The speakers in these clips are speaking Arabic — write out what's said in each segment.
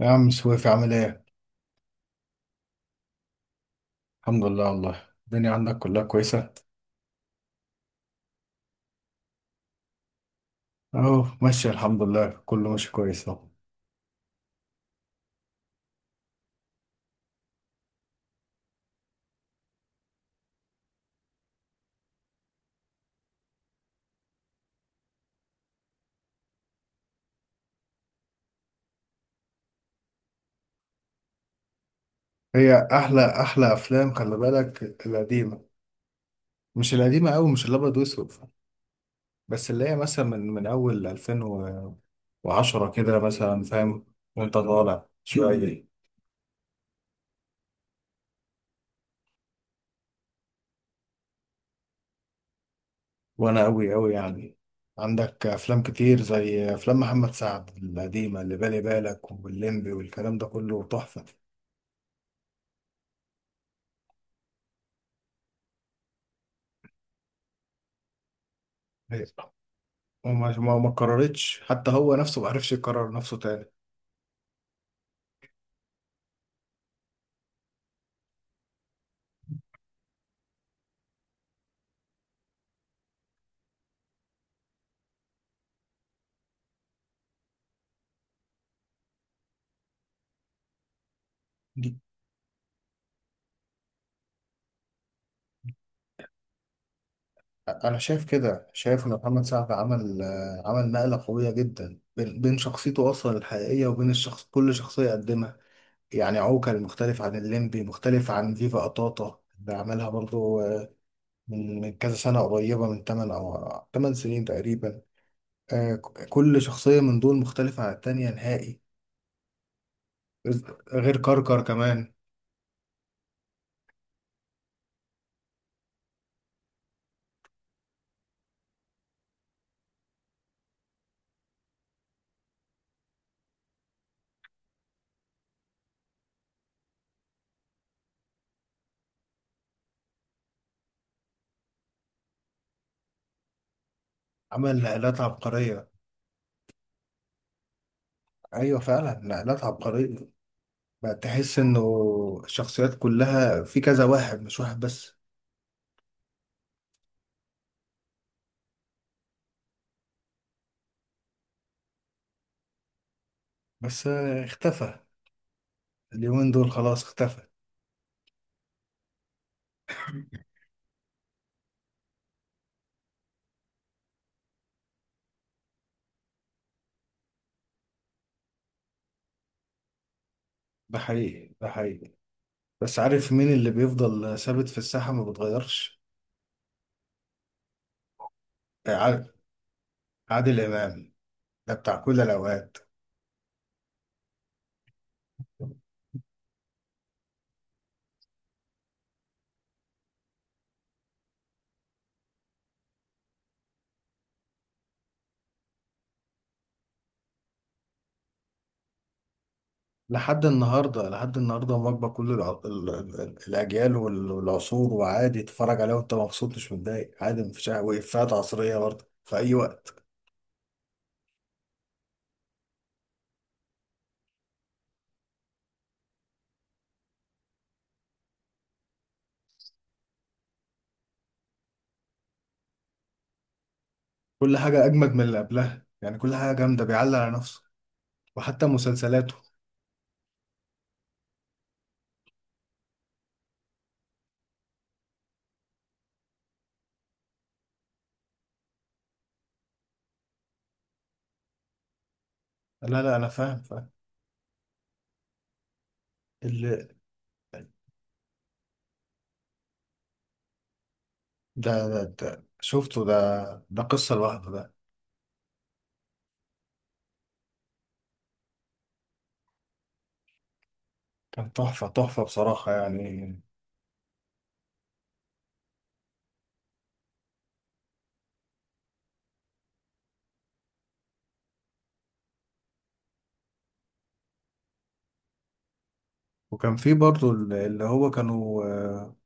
يا عم سويف عامل ايه؟ الحمد لله، والله الدنيا عندك كلها كويسة؟ اهو ماشية، الحمد لله كله ماشي كويس اهو. هي احلى احلى افلام، خلي بالك القديمة، مش القديمة اوي، مش الابيض واسود. بس اللي هي مثلا من اول 2010 كده مثلا، فاهم. وانت طالع شوية. وانا اوي اوي يعني. عندك افلام كتير زي افلام محمد سعد القديمة، اللي بالي بالك، واللمبي والكلام ده كله تحفة. وما ما ما قررتش، حتى هو نفسه ما عرفش يقرر نفسه تاني. دي... انا شايف كده، شايف ان محمد سعد عمل نقله قويه جدا، بين شخصيته اصلا الحقيقيه وبين الشخص، كل شخصيه قدمها. يعني عوكل مختلف عن الليمبي، مختلف عن فيفا قطاطا اللي عملها برضو، من كذا سنه، قريبه من 8 او 8 سنين تقريبا. كل شخصيه من دول مختلفه عن التانيه نهائي. غير كركر كمان. عمل نقلات عبقريه. ايوه فعلا، نقلات عبقريه. بقى تحس انه الشخصيات كلها في كذا واحد، مش واحد بس. بس، اختفى. اليومين دول خلاص اختفى. ده حقيقي ده حقيقي. بس عارف مين اللي بيفضل ثابت في الساحة، ما بتغيرش؟ آه، عاد- عادل إمام، ده بتاع كل الأوقات. لحد النهاردة، لحد النهاردة، مواكبة كل الأجيال والعصور وعادي تتفرج عليها وأنت مبسوط، مش متضايق، عادي مفيش حاجة، وإفيهات عصرية برضه في أي وقت. كل حاجة أجمد من اللي قبلها يعني، كل حاجة جامدة بيعلق على نفسه. وحتى مسلسلاته. لا لا، انا فاهم فاهم. اللي... ده شفته ده. ده قصة لوحده ده. كان تحفة تحفة بصراحة يعني. وكان في برضه اللي هو كانوا،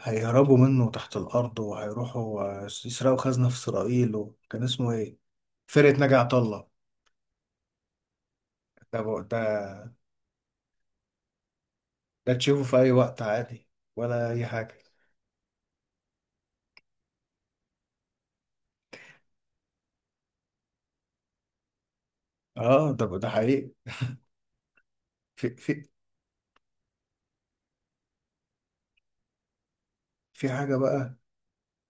هيهربوا منه تحت الأرض، وهيروحوا، يسرقوا خزنة في إسرائيل، وكان اسمه إيه؟ فرقة ناجي عطا الله. ده. ده تشوفه في أي وقت عادي، ولا أي حاجة. آه، ده حقيقي. في في في حاجة بقى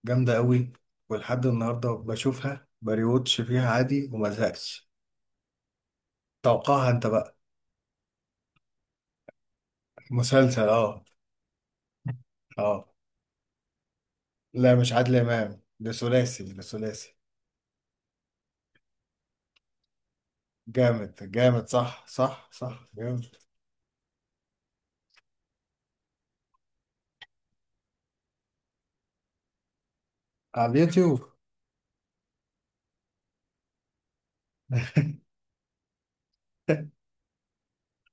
جامدة أوي، ولحد النهاردة بشوفها بريوتش فيها عادي وما زهقش. توقعها أنت بقى. مسلسل، أه. أه. لا، مش عادل إمام، ده ثلاثي، ده ثلاثي. جامد جامد، صح صح صح، جامد. على اليوتيوب.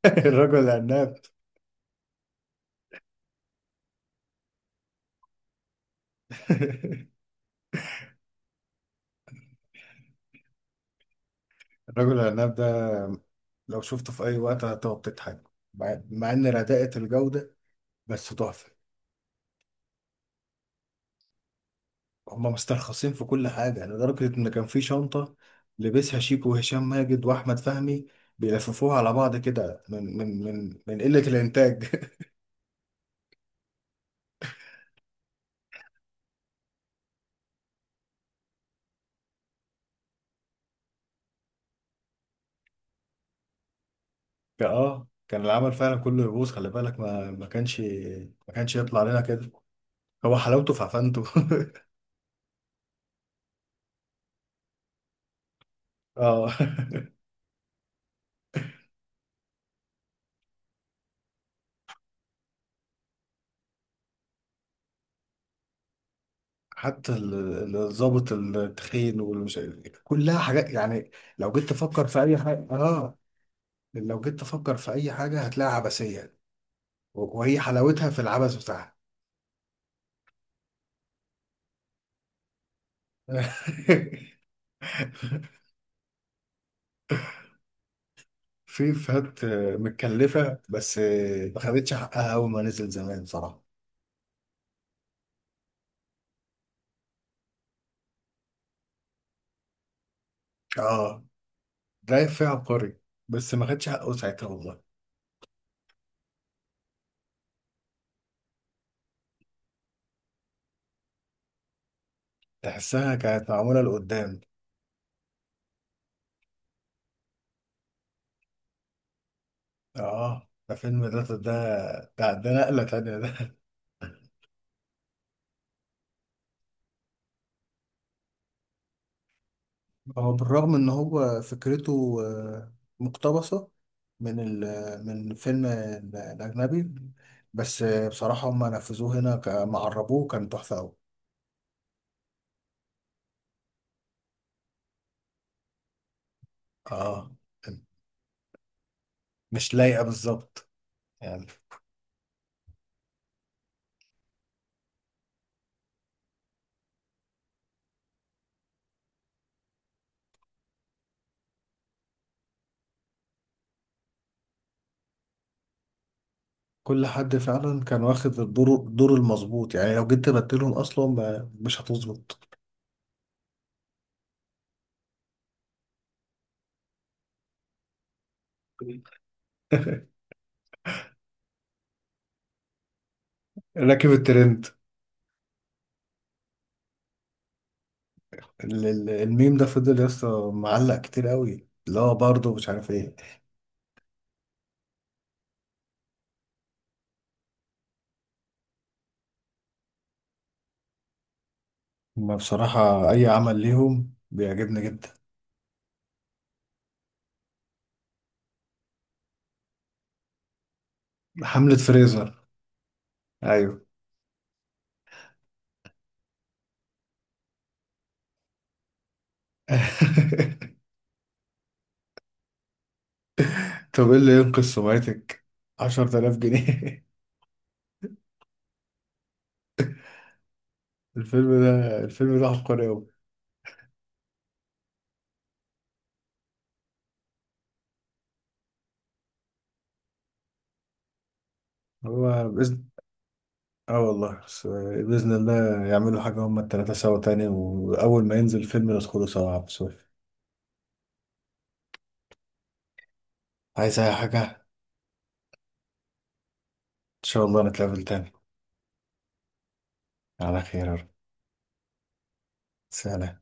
الرجل العناب. الرجل العناب ده لو شفته في أي وقت هتقعد تضحك، مع إن رداءة الجودة، بس تحفة. هم مسترخصين في كل حاجة يعني، لدرجة إن كان في شنطة لبسها شيكو وهشام ماجد وأحمد فهمي، بيلففوها على بعض كده من قلة الإنتاج. كان العمل فعلا كله يبوظ، خلي بالك، ما كانش، ما كانش يطلع لنا كده. هو حلاوته في عفانته. اه. حتى الضابط التخين والمش، كلها حاجات يعني. لو جيت تفكر في أي حاجة، اه، لو جيت تفكر في أي حاجة هتلاقيها عبثية، وهي حلاوتها في العبث بتاعها. في فات، متكلفة، بس ما خدتش حقها أول ما نزل زمان، صراحة. اه، رايح فيها عبقري، بس ما خدش حقه ساعتها والله. تحسها كانت معمولة لقدام. اه، ده فيلم ده ده. ده نقلة تانية. ده. هو بالرغم إن هو فكرته مقتبسة من من الفيلم الأجنبي بس، بصراحة هم نفذوه هنا، ما عربوه، كان تحفة أوي. اه، مش لايقة بالظبط يعني. كل حد فعلا كان واخد الدور المظبوط، يعني لو جيت تبدلهم اصلا، مش هتظبط. راكب الترند. الميم ده فضل يا اسطى معلق كتير قوي، لا برضه مش عارف ايه. ما بصراحة اي عمل ليهم بيعجبني جدا. حملة فريزر. ايوه. طب ايه اللي ينقذ سمعتك؟ 10000 جنيه. الفيلم ده عبقري قوي. هو... اه والله، بس بإذن الله يعملوا حاجة هما التلاتة سوا تاني، وأول ما ينزل فيلم ندخله سوا، بس. عايز أي حاجة. إن شاء الله نتقابل تاني. على خير يا رب. سلام.